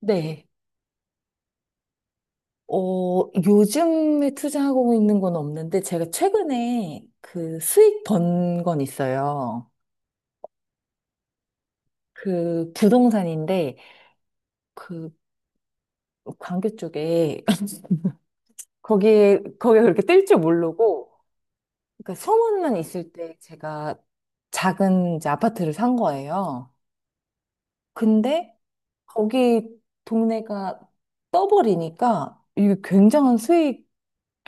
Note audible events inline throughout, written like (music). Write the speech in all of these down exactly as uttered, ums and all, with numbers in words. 네. 어, 요즘에 투자하고 있는 건 없는데, 제가 최근에 그 수익 번 건 있어요. 그 부동산인데, 그 광교 쪽에, (laughs) 거기에, 거기에 그렇게 뜰 줄 모르고, 그러니까 소문만 있을 때 제가 작은 이제 아파트를 산 거예요. 근데 거기 동네가 떠버리니까 이게 굉장한 수익이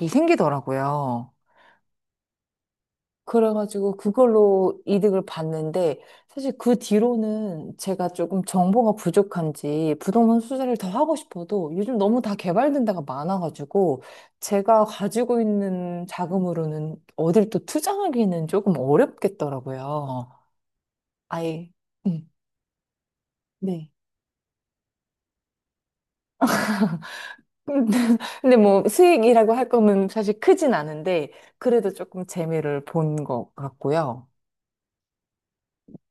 생기더라고요. 그래가지고 그걸로 이득을 봤는데 사실 그 뒤로는 제가 조금 정보가 부족한지 부동산 투자를 더 하고 싶어도 요즘 너무 다 개발된 데가 많아가지고 제가 가지고 있는 자금으로는 어딜 또 투자하기는 조금 어렵겠더라고요. 아예. 음, 네. (laughs) 근데 뭐 수익이라고 할 거면 사실 크진 않은데 그래도 조금 재미를 본 것 같고요.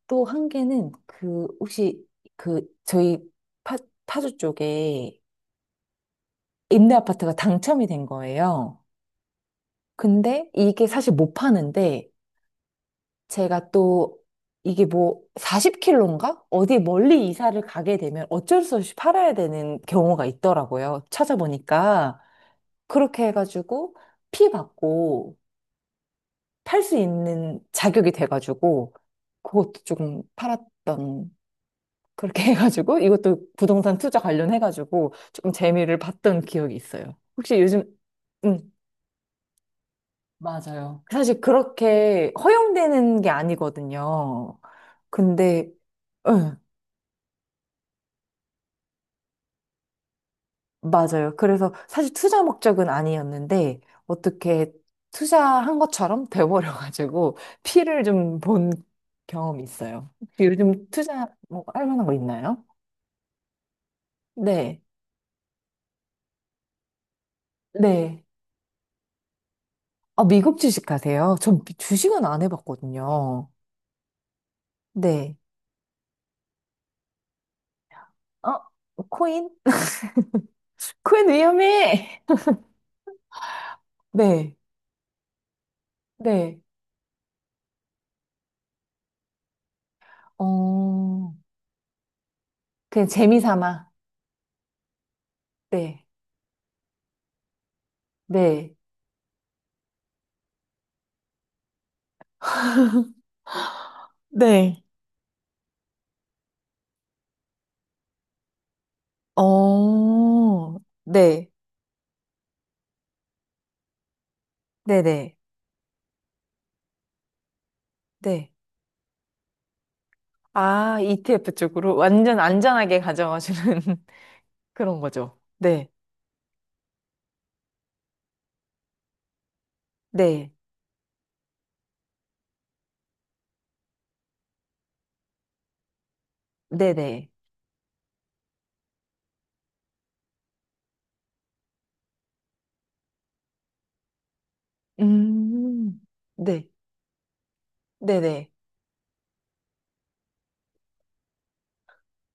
또 한 개는 그 혹시 그 저희 파, 파주 쪽에 임대 아파트가 당첨이 된 거예요. 근데 이게 사실 못 파는데 제가 또 이게 뭐 사십 킬로인가? 어디 멀리 이사를 가게 되면 어쩔 수 없이 팔아야 되는 경우가 있더라고요. 찾아보니까 그렇게 해가지고 피 받고 팔 수 있는 자격이 돼가지고 그것도 조금 팔았던 그렇게 (laughs) 해가지고 이것도 부동산 투자 관련해가지고 조금 재미를 봤던 기억이 있어요. 혹시 요즘, 음, 맞아요. 사실 그렇게 허용되는 게 아니거든요. 근데, 응, 맞아요. 그래서 사실 투자 목적은 아니었는데 어떻게 투자한 것처럼 돼버려가지고 피를 좀 본 경험이 있어요. 혹시 요즘 투자 뭐 할 만한 거 있나요? 네, 네. 아, 미국 주식 하세요? 전 주식은 안 해봤거든요. 네. 어? 코인? 코인 위험해! (laughs) 네. 네. 어, 그냥 재미 삼아. 네. 네. 네. 어, 네. 네네. 네. 아, 이티에프 쪽으로 완전 안전하게 가져가주는 (laughs) 그런 거죠. 네. 네. 네네. 음, 네. 네네.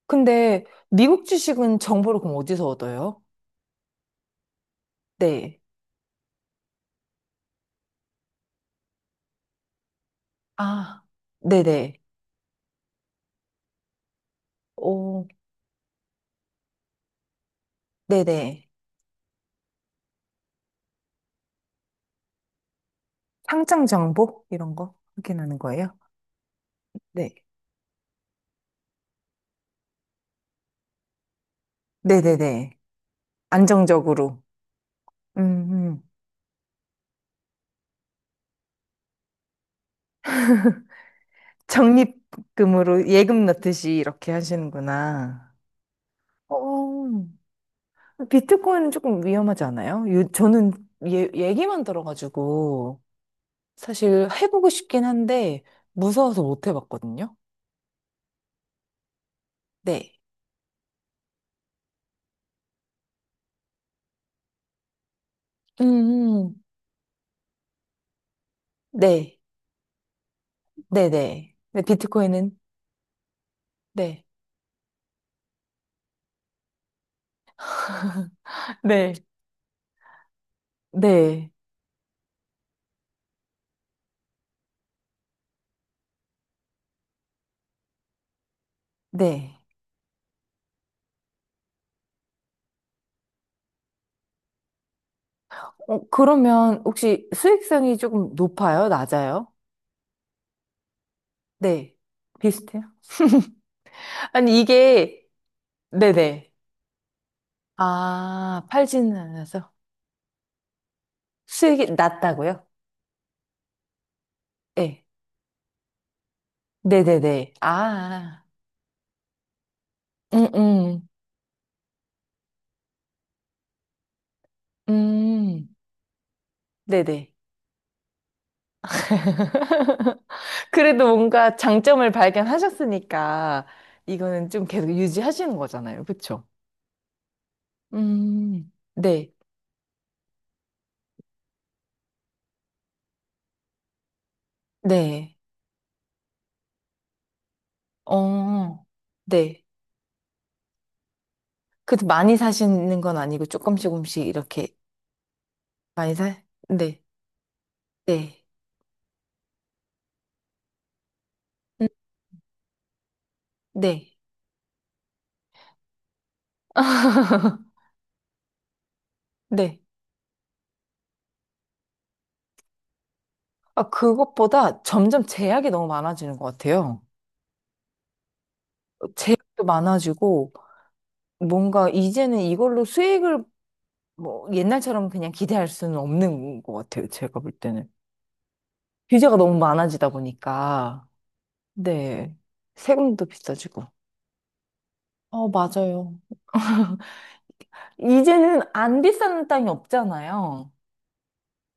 근데 미국 주식은 정보를 그럼 어디서 얻어요? 네. 아, 네네. 오, 네네. 상장 정보? 이런 거 확인하는 거예요? 네. 네네네. 안정적으로. 음, 음. 적립금으로 예금 넣듯이 이렇게 하시는구나. 어, 비트코인은 조금 위험하지 않아요? 요, 저는 얘 얘기만 들어가지고 사실 해보고 싶긴 한데 무서워서 못 해봤거든요. 네. 음, 음. 네. 네네. 네, 비트코인은? 네. 네. 네. 네. 어, 그러면 혹시 수익성이 조금 높아요? 낮아요? 네. 비슷해요? (laughs) 아니, 이게, 네네. 아, 팔지는 않아서. 수익이 낮다고요? 네. 네네네. 아, 음, 음, 음, 네네. 그래도 뭔가 장점을 발견하셨으니까, 이거는 좀 계속 유지하시는 거잖아요. 그쵸? 음, 네, 네. 어, 네. 그래도 많이 사시는 건 아니고 조금씩 조금씩 이렇게 많이 사? 네, 네, 음, 네, 네. 아, 그것보다 점점 제약이 너무 많아지는 것 같아요. 제약도 많아지고 뭔가 이제는 이걸로 수익을 뭐 옛날처럼 그냥 기대할 수는 없는 것 같아요. 제가 볼 때는. 규제가 너무 많아지다 보니까. 네. 세금도 비싸지고. 어, 맞아요. (laughs) 이제는 안 비싼 땅이 없잖아요.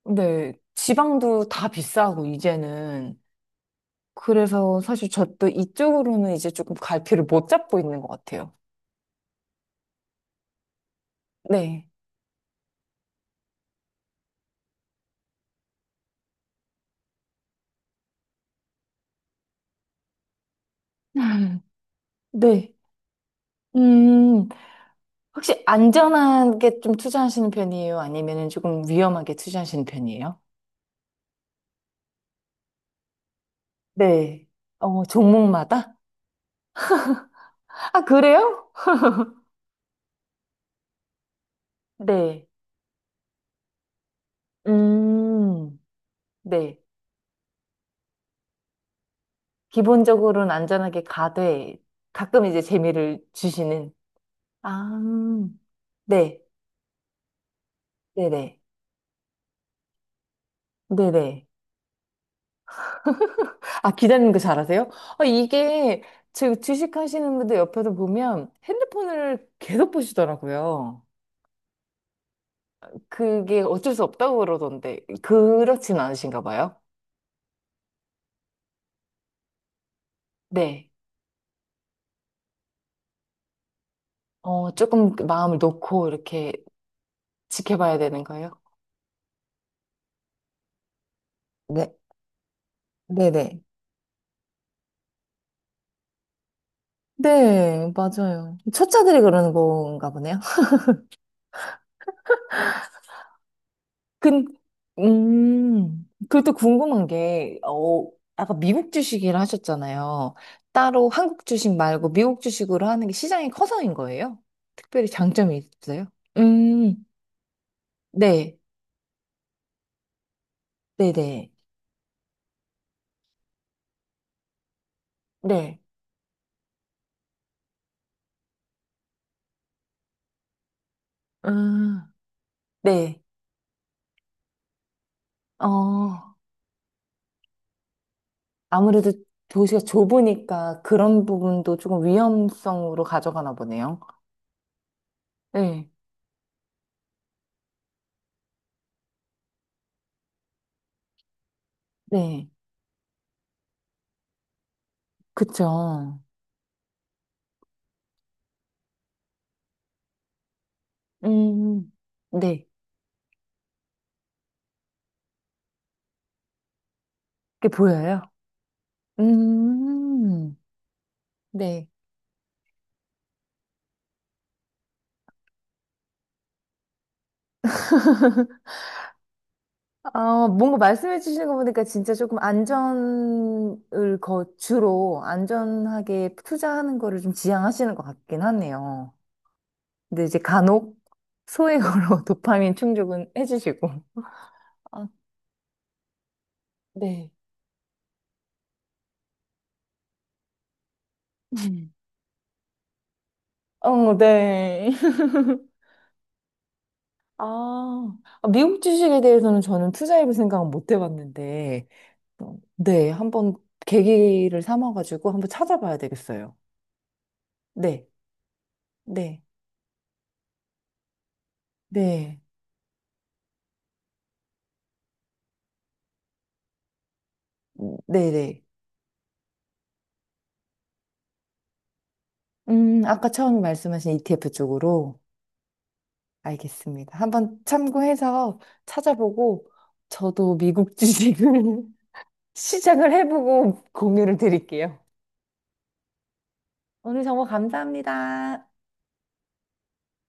네, 지방도 다 비싸고, 이제는. 그래서 사실 저도 이쪽으로는 이제 조금 갈피를 못 잡고 있는 것 같아요. 네. (laughs) 네. 음, 혹시 안전하게 좀 투자하시는 편이에요? 아니면 조금 위험하게 투자하시는 편이에요? 네. 어, 종목마다? 아, 그래요? 네. 음, 네. 기본적으로는 안전하게 가되 가끔 이제 재미를 주시는. 아, 네. 네네. 네네. 아, 기다리는 거 잘하세요? 아, 이게 제 주식하시는 분들 옆에서 보면 핸드폰을 계속 보시더라고요. 그게 어쩔 수 없다고 그러던데, 그렇진 않으신가 봐요? 네. 어, 조금 그 마음을 놓고 이렇게 지켜봐야 되는 거예요? 네, 네네. 네, 맞아요. 초짜들이 그러는 건가 보네요. 근, 음, 그리고 또 궁금한 게, 어, 아까 미국 주식이라 하셨잖아요. 따로 한국 주식 말고 미국 주식으로 하는 게 시장이 커서인 거예요? 특별히 장점이 있어요? 음, 네, 네네, 네, 음, 네, 어, 아무래도 도시가 좁으니까 그런 부분도 조금 위험성으로 가져가나 보네요. 네, 네, 그쵸. 음, 네, 그게 보여요. 음. 네. 아, 뭔가 말씀해 주시는 거 보니까 진짜 조금 안전을 거, 주로 안전하게 투자하는 거를 좀 지향하시는 것 같긴 하네요. 근데 이제 간혹 소액으로 (laughs) 도파민 충족은 해주시고. 아, 네. 음. 어, 네. (laughs) 아, 아, 미국 주식에 대해서는 저는 투자해볼 생각은 못 해봤는데, 어, 네, 한번 계기를 삼아가지고 한번 찾아봐야 되겠어요. 네, 네, 네, 네, 네. 음, 아까 처음 말씀하신 이티에프 쪽으로 알겠습니다. 한번 참고해서 찾아보고 저도 미국 주식을 (laughs) 시작을 해보고 공유를 드릴게요. 오늘 정보 감사합니다.